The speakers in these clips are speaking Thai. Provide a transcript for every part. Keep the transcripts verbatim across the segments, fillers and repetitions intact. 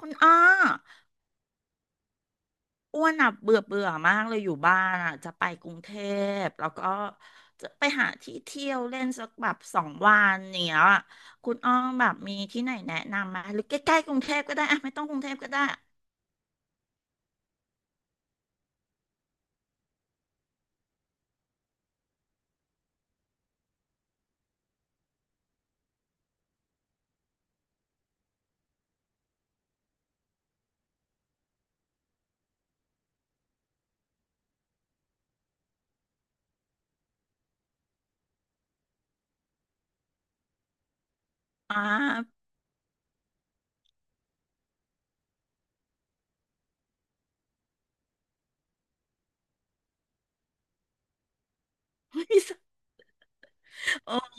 คุณอ้ออ้วนอ่ะเบื่อเบื่อมากเลยอยู่บ้านอ่ะจะไปกรุงเทพแล้วก็จะไปหาที่เที่ยวเล่นสักแบบสองวันเนี้ยคุณอ้อแบบมีที่ไหนแนะนำไหมหรือใกล้ๆกรุงเทพก็ได้อ่ะไม่ต้องกรุงเทพก็ได้อ่า ไม่สโอ้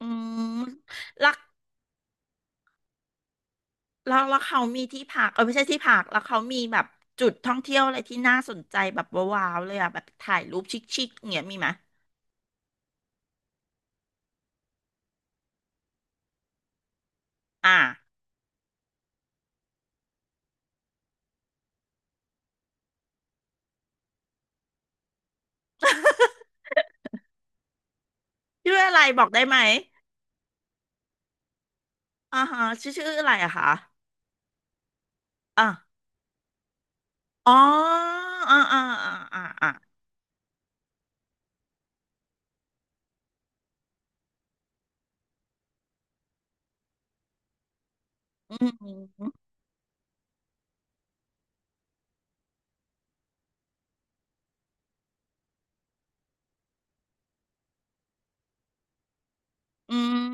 อืมแล้วแล้วแล้วเขามีที่พักเออไม่ใช่ที่พักแล้วเขามีแบบจุดท่องเที่ยวอะไรที่น่าสนใจแบบว้าวๆเลยอ่ะแบบถ่ายรูปชิคๆเงี้ยมีไหมอ่าชื่ออะไรบอกได้ไหมอ่าฮะชื่อชื่ออะไรอะคะ อ่ะอ๋ออ่าอ่าอ่าอ่าอ่าอืมอืม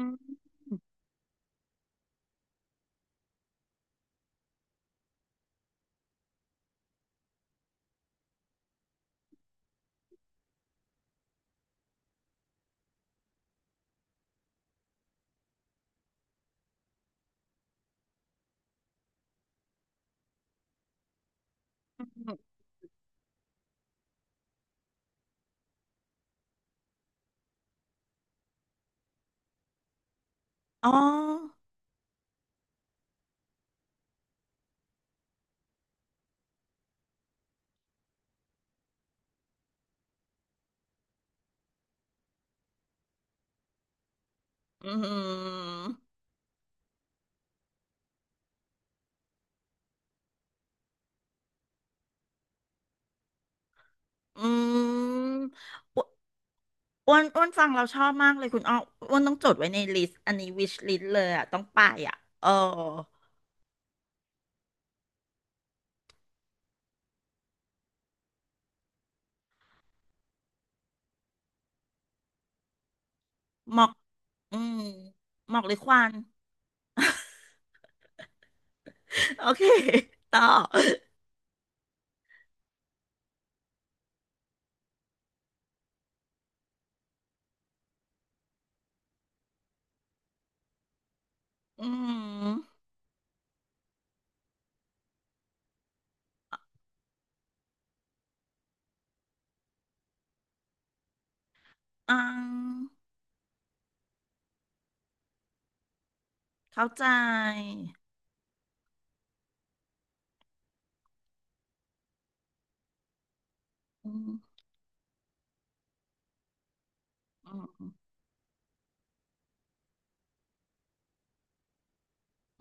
อ๋ออืมอืมอ้วนอ้วนอ้วนฟังเราชอบมากเลยคุณอ้ออ้วนต้องจดไว้ในลิสต์อันนี้วิชลิสต์เลยอ่ะต้องไปอ่ะเออหมอกอืมหมอกหรือควัน โอเคต่ออืมอ่าเข้าใจอืมอืม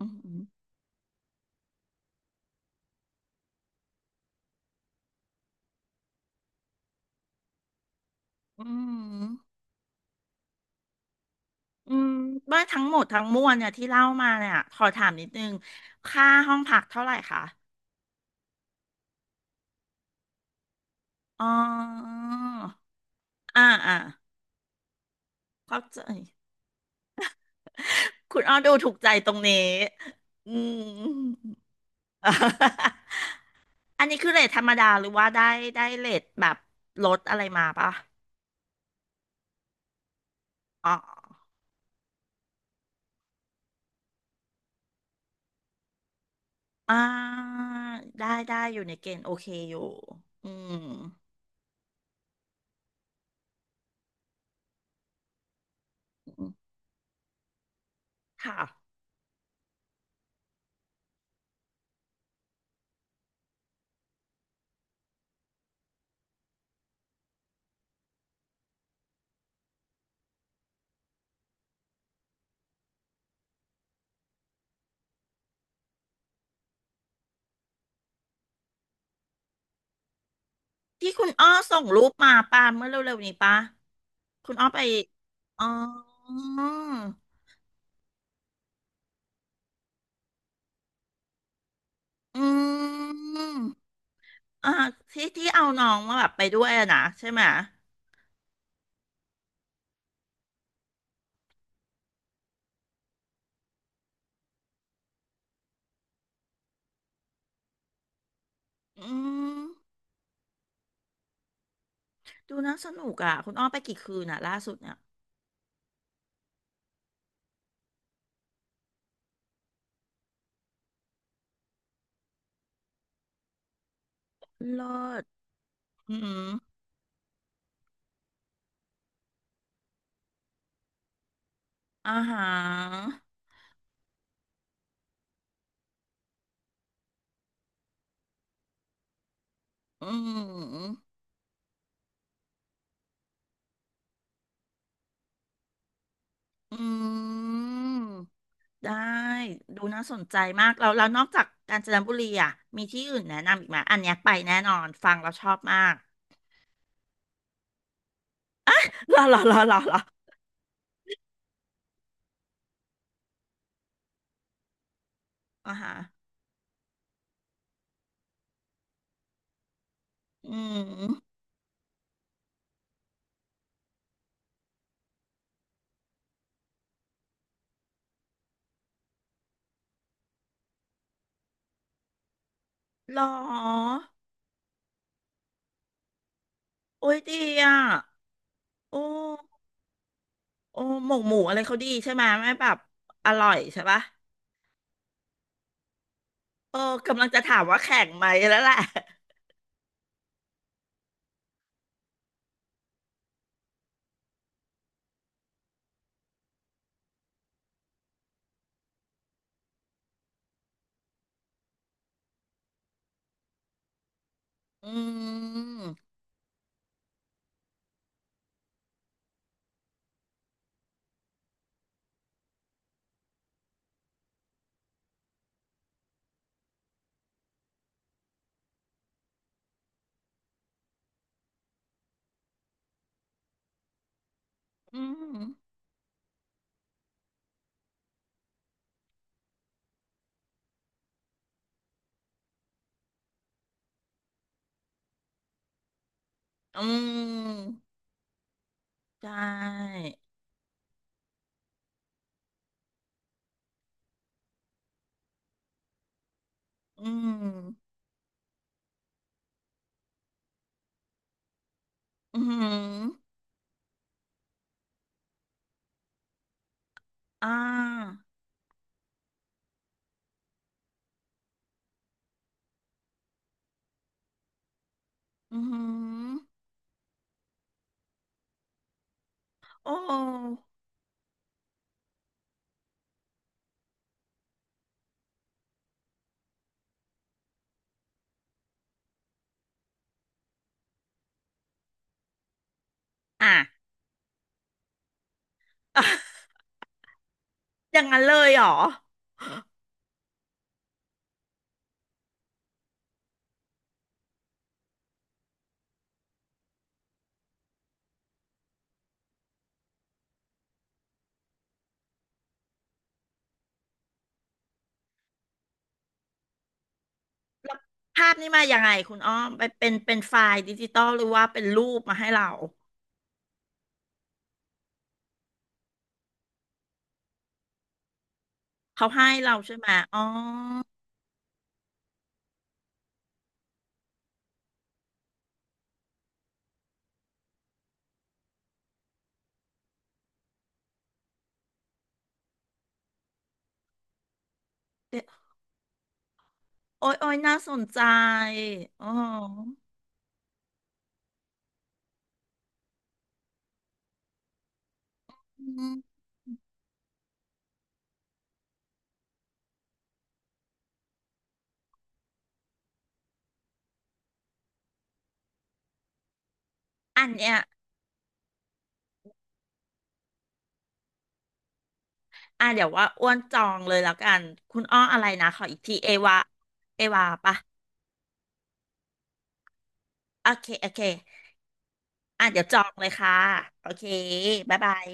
อืมอืม อืมว่าทั้งหมดทั้งมวลเนี่ยที่เล่ามาเนี่ยขอถามนิดนึงค่าห้องพักเท่าไหร่คะอ๋ออ่าอ่าเข้าใจคุณอ้อดูถูกใจตรงนี้อืม อันนี้คือเรทธรรมดาหรือว่าได้ได้เรทแบบลดอะไรมาปะอ๋ออ่าได้ได้อยู่ในเกณฑ์โอเคอยู่อืมค่ะ ที่คุณอ้อส่งรูปมาป่ะเมื่อเร็วๆนี้ป่ะคุณอ้อไปอ๋ออืมอ่าที่ที่เอาน้องมาแบบไปด้วยอะนะใช่ไหมอืมดูน่าสนุกอ่ะคุณอ้อไปกี่คืนอ่ะล่าสุดเนี่ยเลิศอืมอาหารอืมอืมได้ดูน่าสนใจมากแล้วแล้วนอกจากกาญจนบุรีอ่ะมีที่อื่นแนะนำอีกไหมอันเนี้ยไปแน่นอนฟังเราชอบมาก หรอหรอหรอหรอหรออ่าฮะอืมหรอโอ้ยดีอ่ะโอ้โอ้หมกหมูอะไรเขาดีใช่ไหมยไม่แบบอร่อยใช่ปะเออกำลังจะถามว่าแข่งไหมแล้วแหละ อืมอืมอืมใช่อืมอืมอ่าอืมโอ้อ่ะ อย่างนั้นเลยเหรอ แล้วภาพนี้มายังไงคุณอ้อมไปเป็นเป็นไฟล์ดิจิตอลหรือว่าเป็นรูปมาให้เราเขาให้เราใช่ไหมอ๋อเดี๋ยวโอ้ยโอ้ยน่าสนใจอ๋ออืมอันเนี้ยอ่ะเดี๋ยวว่าอ้วนจองเลยแล้วกันคุณอ้ออะไรนะขออีกทีเอวาเอวาปะโอเคโอเคอ่ะเดี๋ยวจองเลยค่ะโอเคบ๊ายบาย